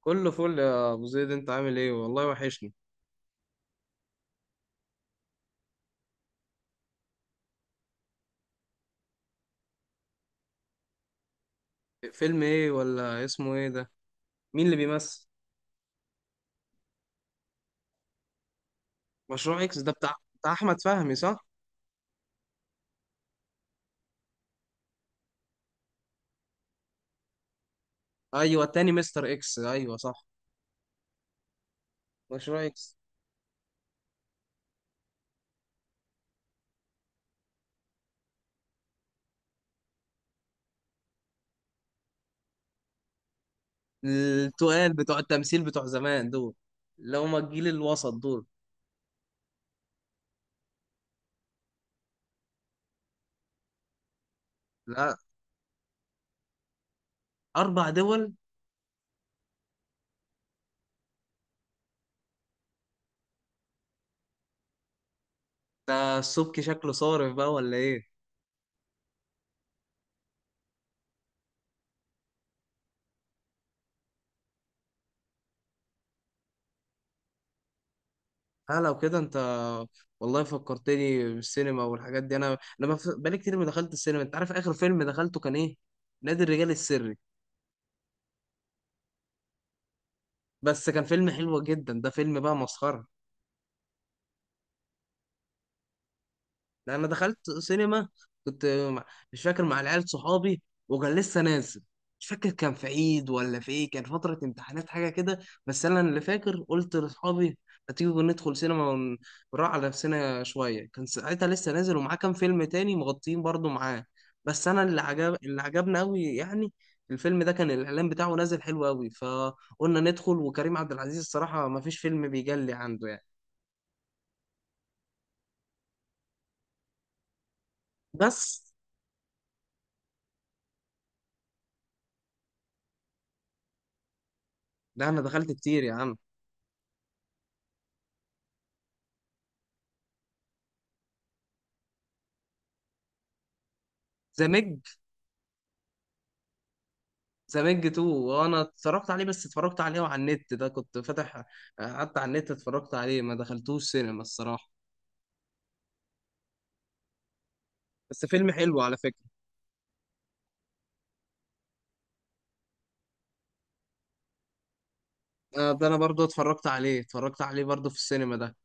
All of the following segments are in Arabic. كله فل يا ابو زيد، انت عامل ايه؟ والله وحشني. فيلم ايه ولا اسمه ايه ده؟ مين اللي بيمثل؟ مشروع اكس ده بتاع، بتاع احمد فهمي، صح؟ ايوه، التاني مستر اكس، ايوه صح. مشروع اكس. التقال بتوع التمثيل بتوع زمان دول، اللي هما الجيل الوسط دول. لا، اربع دول؟ ده السبكي شكله صارف بقى ولا ايه؟ ها لو كده انت، والله فكرتني بالسينما والحاجات دي. انا بقالي كتير ما دخلت السينما. انت عارف اخر فيلم دخلته كان ايه؟ نادي الرجال السري. بس كان فيلم حلو جدا، ده فيلم بقى مسخرة. ده انا دخلت سينما، كنت مع- مش فاكر، مع العيال صحابي، وكان لسه نازل. مش فاكر كان في عيد ولا في ايه، كان فترة امتحانات حاجة كده. بس انا اللي فاكر قلت لاصحابي: ما تيجي ندخل سينما ونروح على نفسنا شوية. كان ساعتها لسه نازل ومعاه كام فيلم تاني مغطيين برضو معاه. بس انا اللي عجب، اللي عجبنا قوي يعني. الفيلم ده كان الاعلان بتاعه نازل حلو قوي، فقلنا ندخل، وكريم عبد العزيز الصراحة ما فيش فيلم بيجلي عنده يعني. بس ده انا دخلت كتير يا عم. ذا ميج. ذا ميج 2، وانا اتفرجت عليه، بس اتفرجت عليه وعلى النت، ده كنت فاتح. قعدت على النت اتفرجت عليه، ما دخلتوش سينما الصراحه. بس فيلم حلو على فكره. آه، ده انا برضو اتفرجت عليه برضو في السينما ده.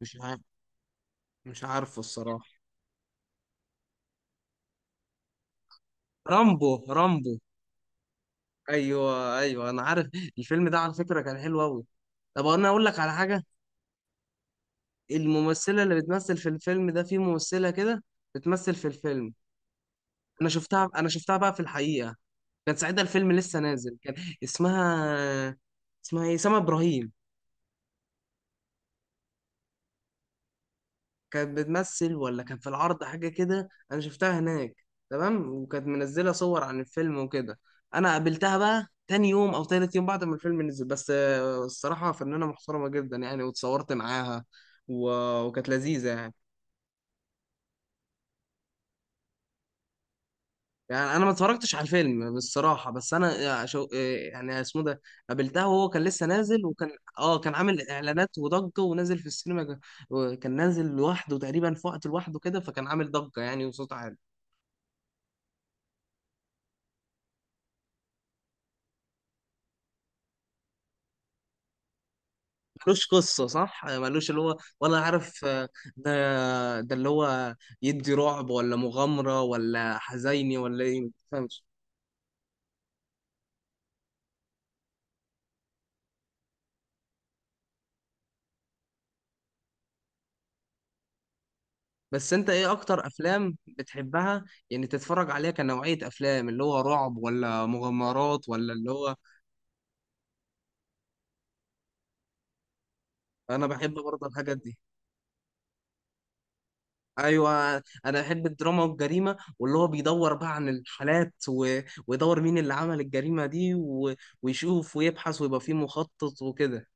مش عارف، مش عارفه الصراحه. رامبو، رامبو. ايوه ايوه انا عارف. الفيلم ده على فكره كان حلو قوي. طب انا اقول لك على حاجه. الممثله اللي بتمثل في الفيلم ده، في ممثله كده بتمثل في الفيلم. انا شفتها بقى في الحقيقه. كان ساعتها الفيلم لسه نازل، كان. اسمها اسمها ايه، سما ابراهيم. كانت بتمثل ولا كان في العرض حاجه كده، انا شفتها هناك. تمام، وكانت منزله صور عن الفيلم وكده. انا قابلتها بقى تاني يوم او تالت يوم بعد ما الفيلم نزل. بس آه، الصراحه فنانه محترمه جدا يعني، واتصورت معاها. و... وكانت لذيذه يعني. يعني انا ما اتفرجتش على الفيلم بالصراحه، بس انا شو يعني اسمه ده، قابلتها وهو كان لسه نازل، وكان. اه كان عامل اعلانات وضجه ونازل في السينما وكان نازل لوحده تقريبا في وقت لوحده كده، فكان عامل ضجه يعني وصوت عالي. ملوش قصه صح، ملوش اللي هو ولا عارف آه، ده اللي هو يدي رعب ولا مغامره ولا حزيني ولا ايه، ما تفهمش. بس انت ايه اكتر افلام بتحبها؟ يعني تتفرج عليها كنوعيه افلام، اللي هو رعب ولا مغامرات ولا اللي هو. انا بحب برضه الحاجات دي. ايوه، انا بحب الدراما والجريمه، واللي هو بيدور بقى عن الحالات، و... ويدور مين اللي عمل الجريمه دي، و... ويشوف ويبحث ويبقى فيه مخطط وكده.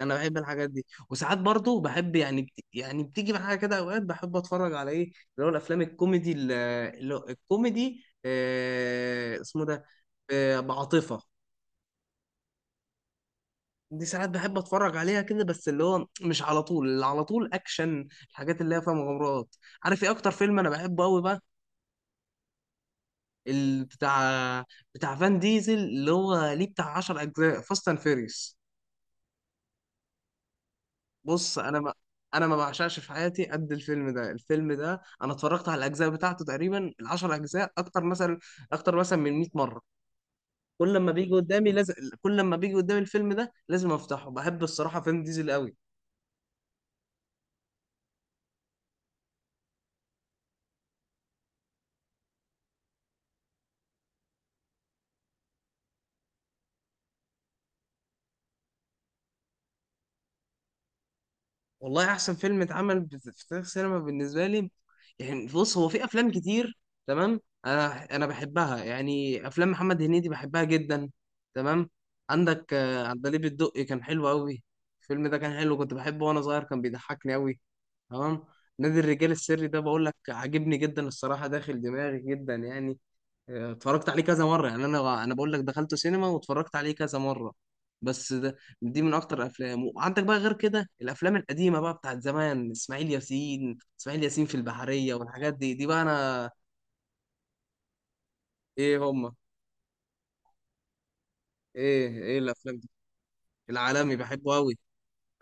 انا بحب الحاجات دي، وساعات برضه بحب يعني يعني بتيجي معايا كده اوقات، بحب اتفرج على ايه اللي هو الافلام الكوميدي، اللي هو الكوميدي، اسمه ده، بعاطفه. دي ساعات بحب اتفرج عليها كده، بس اللي هو مش على طول، اللي على طول اكشن الحاجات اللي هي فيها مغامرات. عارف ايه اكتر فيلم انا بحبه قوي بقى؟ بتاع فان ديزل، اللي هو ليه بتاع 10 اجزاء، فاست اند فيريس. بص انا ما بعشقش في حياتي قد الفيلم ده. الفيلم ده انا اتفرجت على الاجزاء بتاعته تقريبا، العشر اجزاء، اكتر مثلا من 100 مره. كل لما بيجي قدامي لازم، كل لما بيجي قدامي الفيلم ده لازم افتحه. بحب الصراحه فان ديزل قوي. والله احسن فيلم اتعمل في تاريخ السينما بالنسبه لي، يعني بص، هو في افلام كتير، تمام. انا بحبها يعني، افلام محمد هنيدي بحبها جدا، تمام. عندك آه، عندليب الدقي كان حلو قوي. الفيلم ده كان حلو، كنت بحبه وانا صغير، كان بيضحكني قوي، تمام. نادي الرجال السري ده بقول لك عاجبني جدا الصراحه، داخل دماغي جدا يعني. اتفرجت عليه كذا مرة يعني، انا بقول لك دخلته سينما واتفرجت عليه كذا مرة. بس ده، دي من اكتر الافلام. وعندك بقى غير كده الافلام القديمة بقى بتاعت زمان، اسماعيل ياسين، اسماعيل ياسين في البحرية والحاجات دي، دي بقى انا. ايه هم؟ ايه الافلام دي؟ العالمي بحبه قوي.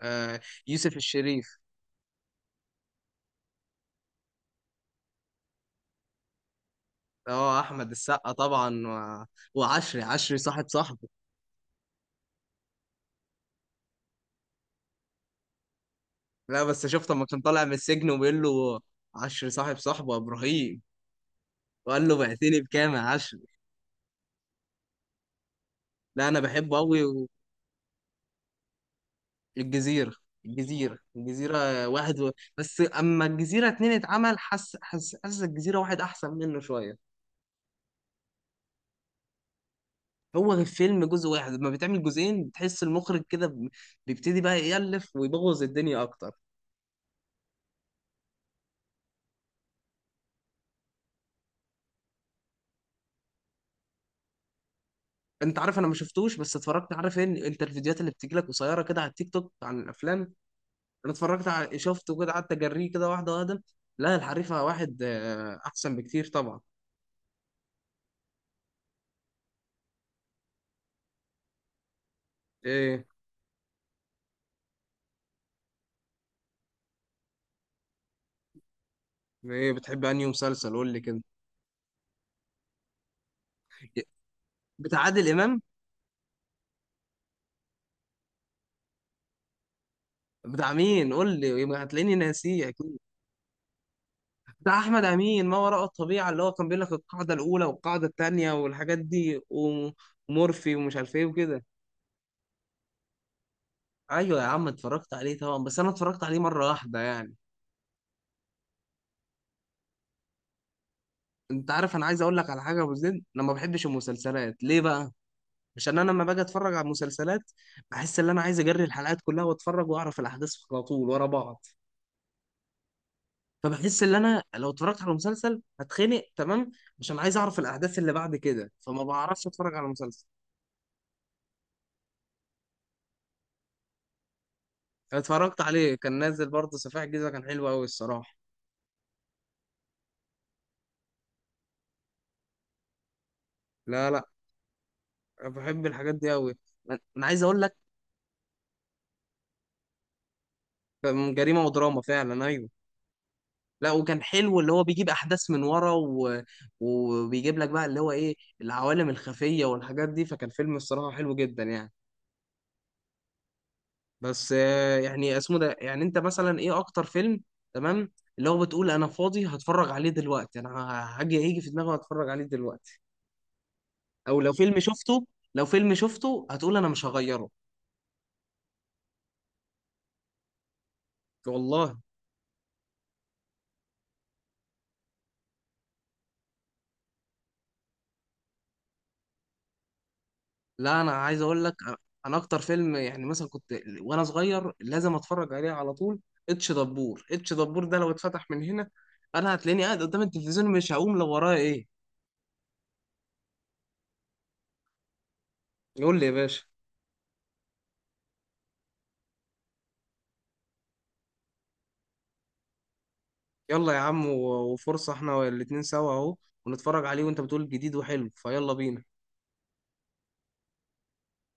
آه، يوسف الشريف. اه احمد السقا طبعا. و... وعشري، عشري صاحب صاحبه. لا بس شفت لما كان طالع من السجن وبيقول له: عشري صاحب صاحبه يا ابراهيم. وقال له: بعتني بكام يا عشري؟ لا انا بحبه قوي. الجزيره الجزيره واحد. و... بس اما الجزيره اتنين اتعمل، حس حس حس الجزيره واحد احسن منه شويه. هو فيلم جزء واحد، لما بتعمل جزئين بتحس المخرج كده بيبتدي بقى يألف ويبوظ الدنيا اكتر. انت عارف انا ما شفتوش، بس اتفرجت. عارف ان انت الفيديوهات اللي بتجيلك قصيره كده على التيك توك عن الافلام، انا اتفرجت على، شفته كده قعدت اجريه كده واحده واحده. لا الحريفه واحد آه، احسن بكتير طبعا. ايه بتحب انهي مسلسل، قول لي كده؟ بتاع عادل امام؟ بتاع مين قول لي، يبقى هتلاقيني ناسيه اكيد. بتاع احمد امين، ما وراء الطبيعه، اللي هو كان بيقول لك القاعده الاولى والقاعده الثانيه والحاجات دي، ومورفي ومش عارف ايه وكده. ايوه يا عم، اتفرجت عليه طبعا، بس انا اتفرجت عليه مره واحده يعني. انت عارف انا عايز اقول لك على حاجه يا ابو زيد، انا ما بحبش المسلسلات ليه بقى؟ عشان انا لما باجي اتفرج على مسلسلات، بحس ان انا عايز اجري الحلقات كلها واتفرج واعرف الاحداث على طول ورا بعض. فبحس ان انا لو اتفرجت على مسلسل هتخنق، تمام، عشان عايز اعرف الاحداث اللي بعد كده، فما بعرفش اتفرج على مسلسل. اتفرجت عليه كان نازل برضه، سفاح الجيزه كان حلو قوي الصراحه. لا لا، بحب الحاجات دي قوي. انا عايز اقول لك. كان جريمه ودراما فعلا، ايوه. لا وكان حلو، اللي هو بيجيب احداث من ورا، و... وبيجيب لك بقى اللي هو ايه، العوالم الخفيه والحاجات دي، فكان فيلم الصراحه حلو جدا يعني. بس آه، يعني اسمه ده، يعني انت مثلا ايه اكتر فيلم، تمام، اللي هو بتقول انا فاضي هتفرج عليه دلوقتي، انا ه- هاجي هيجي في دماغي هتفرج عليه دلوقتي؟ او لو فيلم شفته، لو فيلم شفته هتقول انا مش هغيره؟ والله، لا انا عايز اقول لك. انا اكتر فيلم، يعني مثلا كنت وانا صغير لازم اتفرج عليه على طول، اتش دبور. ده لو اتفتح من هنا، انا هتلاقيني قاعد قدام التلفزيون مش هقوم لو ورايا ايه. قول لي يا باشا. يلا يا عم، وفرصة احنا الاتنين سوا اهو، ونتفرج عليه، وانت بتقول جديد وحلو، فيلا بينا.